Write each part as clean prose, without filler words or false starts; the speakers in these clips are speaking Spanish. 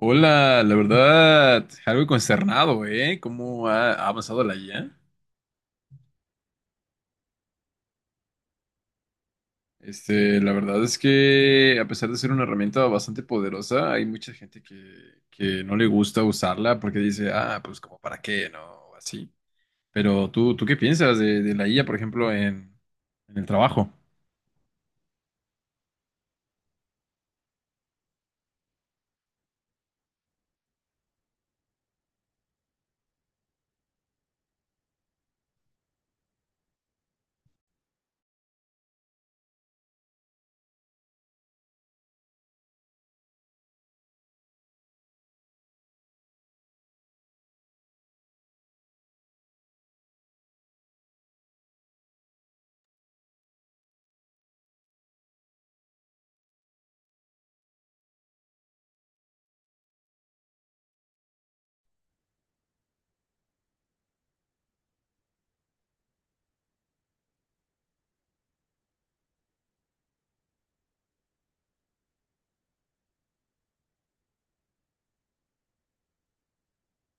Hola, la verdad, algo consternado, ¿eh? ¿Cómo ha avanzado la IA? La verdad es que a pesar de ser una herramienta bastante poderosa, hay mucha gente que no le gusta usarla porque dice, ah, pues como para qué, ¿no? O así. Pero ¿tú qué piensas de la IA, por ejemplo, en el trabajo?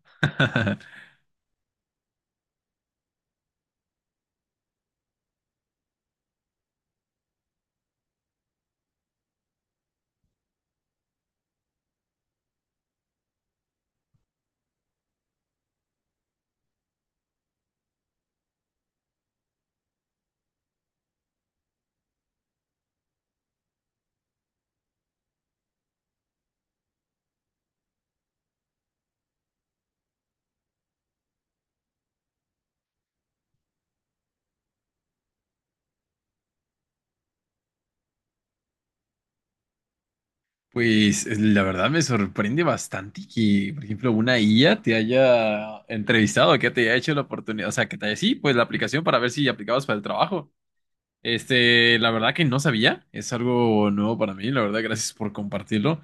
Pues la verdad me sorprende bastante que, por ejemplo, una IA te haya entrevistado, que te haya hecho la oportunidad, o sea, que te haya, sí, pues la aplicación para ver si aplicabas para el trabajo. La verdad que no sabía, es algo nuevo para mí, la verdad, gracias por compartirlo.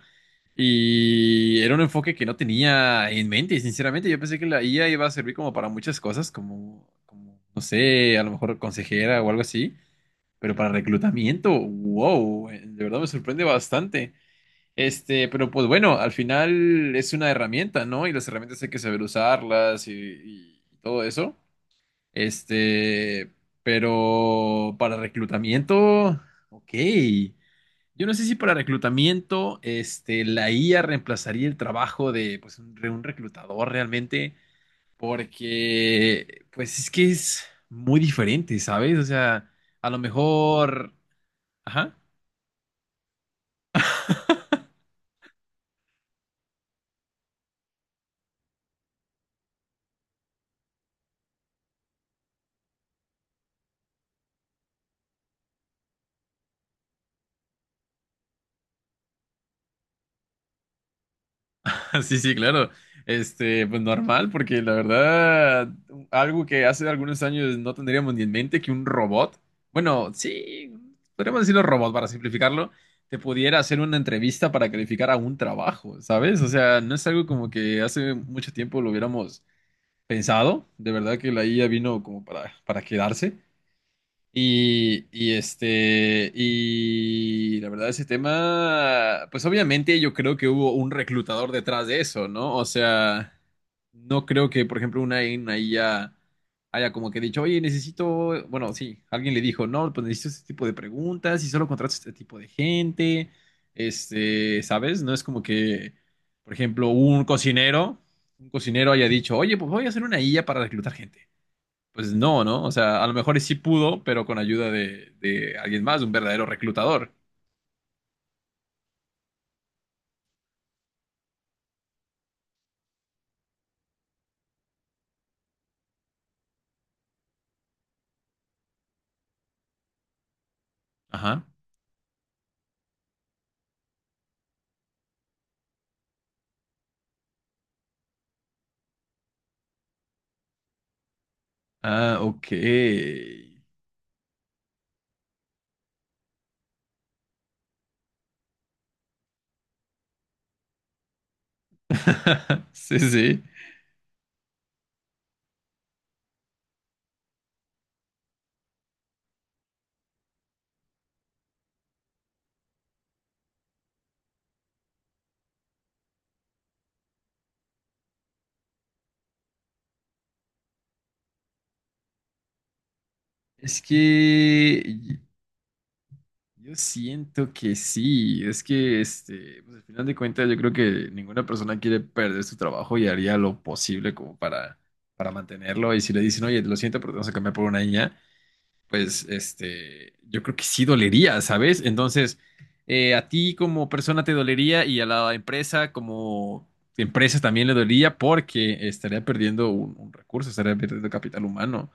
Y era un enfoque que no tenía en mente, sinceramente, yo pensé que la IA iba a servir como para muchas cosas, no sé, a lo mejor consejera o algo así, pero para reclutamiento, wow, de verdad me sorprende bastante. Pero pues bueno, al final es una herramienta, ¿no? Y las herramientas hay que saber usarlas y todo eso. Este, pero para reclutamiento, ok. Yo no sé si para reclutamiento, la IA reemplazaría el trabajo de, pues, de un reclutador realmente, porque, pues, es que es muy diferente, ¿sabes? O sea, a lo mejor, ajá. Sí, sí, claro. Pues normal, porque la verdad, algo que hace algunos años no tendríamos ni en mente que un robot, bueno, sí, podríamos decirlo robot para simplificarlo, te pudiera hacer una entrevista para calificar a un trabajo, ¿sabes? O sea, no es algo como que hace mucho tiempo lo hubiéramos pensado. De verdad que la IA vino como para quedarse. Y la verdad, ese tema, pues obviamente yo creo que hubo un reclutador detrás de eso, ¿no? O sea, no creo que, por ejemplo, una IA haya como que dicho, oye, necesito, bueno, sí, alguien le dijo, no, pues necesito este tipo de preguntas y solo contrato este tipo de gente, ¿sabes? No es como que, por ejemplo, un cocinero haya dicho, oye, pues voy a hacer una IA para reclutar gente. Pues no, ¿no? O sea, a lo mejor sí pudo, pero con ayuda de alguien más, de un verdadero reclutador. Ajá. Ah, ok. Sí, sí. Es que yo siento que sí. Es que, pues al final de cuentas, yo creo que ninguna persona quiere perder su trabajo y haría lo posible como para mantenerlo. Y si le dicen, oye, lo siento, pero te vamos a cambiar por una niña, pues yo creo que sí dolería, ¿sabes? Entonces, a ti como persona te dolería y a la empresa como empresa también le dolería porque estaría perdiendo un recurso, estaría perdiendo capital humano.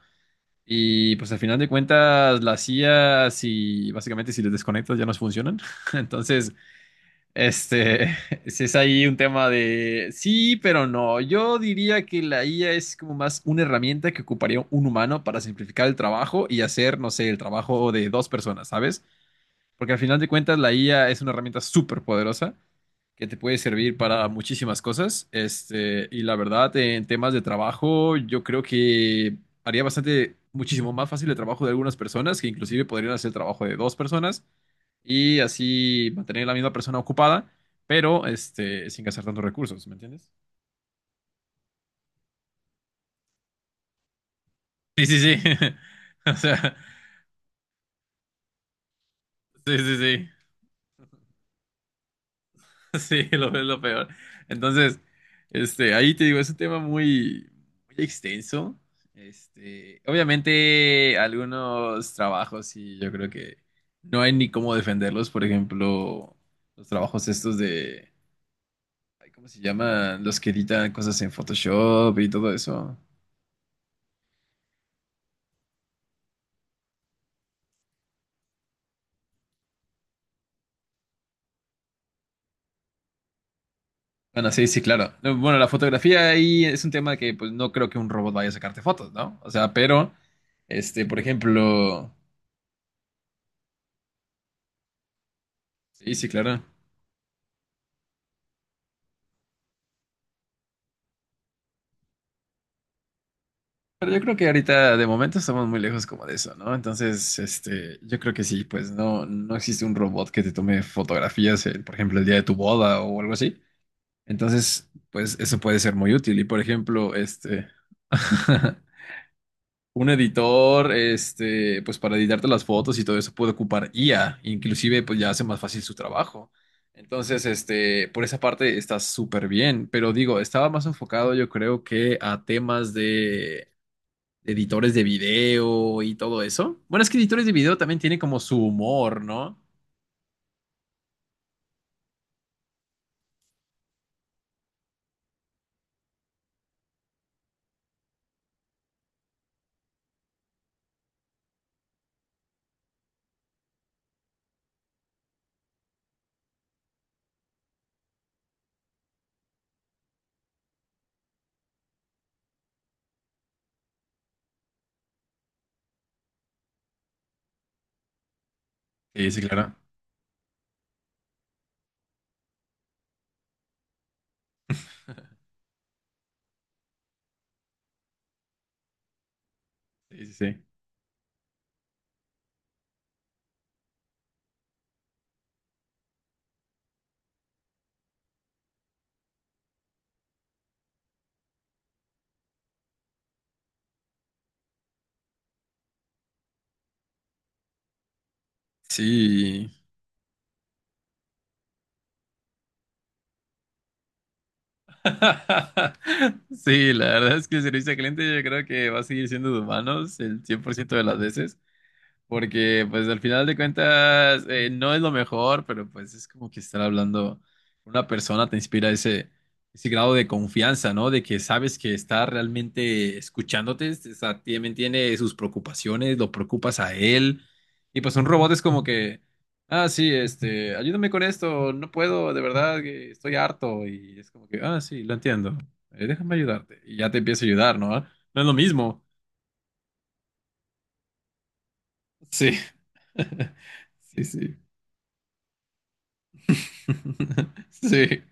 Y pues al final de cuentas, las IA, si básicamente si les desconectas ya no funcionan. Entonces, este, si es ahí un tema de sí, pero no. Yo diría que la IA es como más una herramienta que ocuparía un humano para simplificar el trabajo y hacer, no sé, el trabajo de dos personas, ¿sabes? Porque al final de cuentas la IA es una herramienta súper poderosa que te puede servir para muchísimas cosas. Y la verdad, en temas de trabajo, yo creo que haría bastante, muchísimo más fácil el trabajo de algunas personas que inclusive podrían hacer el trabajo de dos personas y así mantener a la misma persona ocupada, pero sin gastar tantos recursos, ¿me entiendes? Sí, sí, sí. O sea, sí, sí, sí. Sí, lo es lo peor. Entonces, ahí te digo, es un tema muy, muy extenso. Obviamente, algunos trabajos sí, yo creo que no hay ni cómo defenderlos. Por ejemplo, los trabajos estos de, ay, ¿cómo se llaman? Los que editan cosas en Photoshop y todo eso. Bueno, sí, sí, claro. No, bueno, la fotografía ahí es un tema que pues no creo que un robot vaya a sacarte fotos, ¿no? O sea, pero, por ejemplo, sí, sí, claro. Pero yo creo que ahorita de momento estamos muy lejos como de eso, ¿no? Entonces, yo creo que sí, pues no, no existe un robot que te tome fotografías, por ejemplo, el día de tu boda o algo así. Entonces, pues eso puede ser muy útil. Y por ejemplo, un editor, pues para editarte las fotos y todo eso puede ocupar IA, inclusive pues ya hace más fácil su trabajo. Entonces, por esa parte está súper bien, pero digo, estaba más enfocado yo creo que a temas de editores de video y todo eso. Bueno, es que editores de video también tienen como su humor, ¿no? Sí, sí, claro. Sí, sí, sí. Sí. Sí, la verdad es que el servicio al cliente yo creo que va a seguir siendo de humanos el 100% de las veces. Porque, pues, al final de cuentas, no es lo mejor, pero pues es como que estar hablando con una persona te inspira ese, ese grado de confianza, ¿no? De que sabes que está realmente escuchándote, o sea, también tiene sus preocupaciones, lo preocupas a él. Y pues un robot es como que, ah, sí, ayúdame con esto, no puedo, de verdad, que estoy harto. Y es como que, ah, sí, lo entiendo, déjame ayudarte. Y ya te empieza a ayudar, ¿no? No es lo mismo. Sí. Sí, sí. Sí,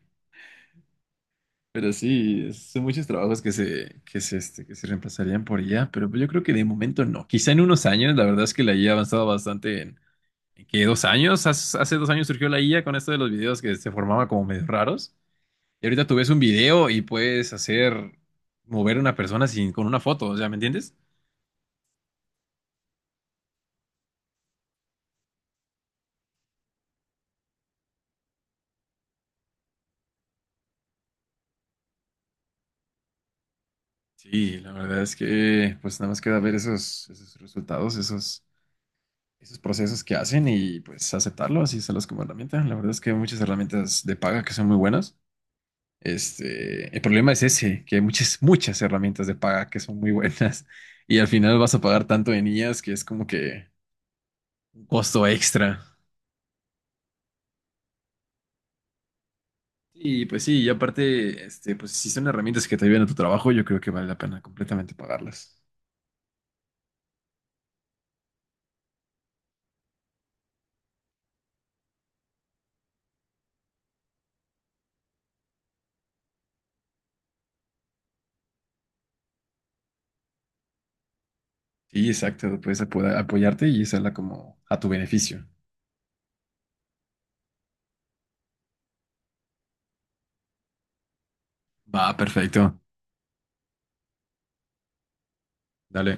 pero sí, es- son muchos trabajos que se reemplazarían por IA, pero pues yo creo que de momento no. Quizá en unos años, la verdad es que la IA ha avanzado bastante ¿en qué, 2 años? Hace 2 años surgió la IA con esto de los videos que se formaba como medio raros. Y ahorita tú ves un video y puedes hacer mover a una persona sin, con una foto, o sea, ¿me entiendes? Sí, la verdad es que pues nada más queda ver esos resultados, esos procesos que hacen y pues aceptarlo, así usarlos como herramienta. La verdad es que hay muchas herramientas de paga que son muy buenas. El problema es ese, que hay muchas, muchas herramientas de paga que son muy buenas y al final vas a pagar tanto en ellas que es como que un costo extra. Y pues sí, y aparte, pues si son herramientas que te ayudan a tu trabajo, yo creo que vale la pena completamente pagarlas. Sí, exacto, puedes apoyarte y usarla como a tu beneficio. Va, perfecto. Dale.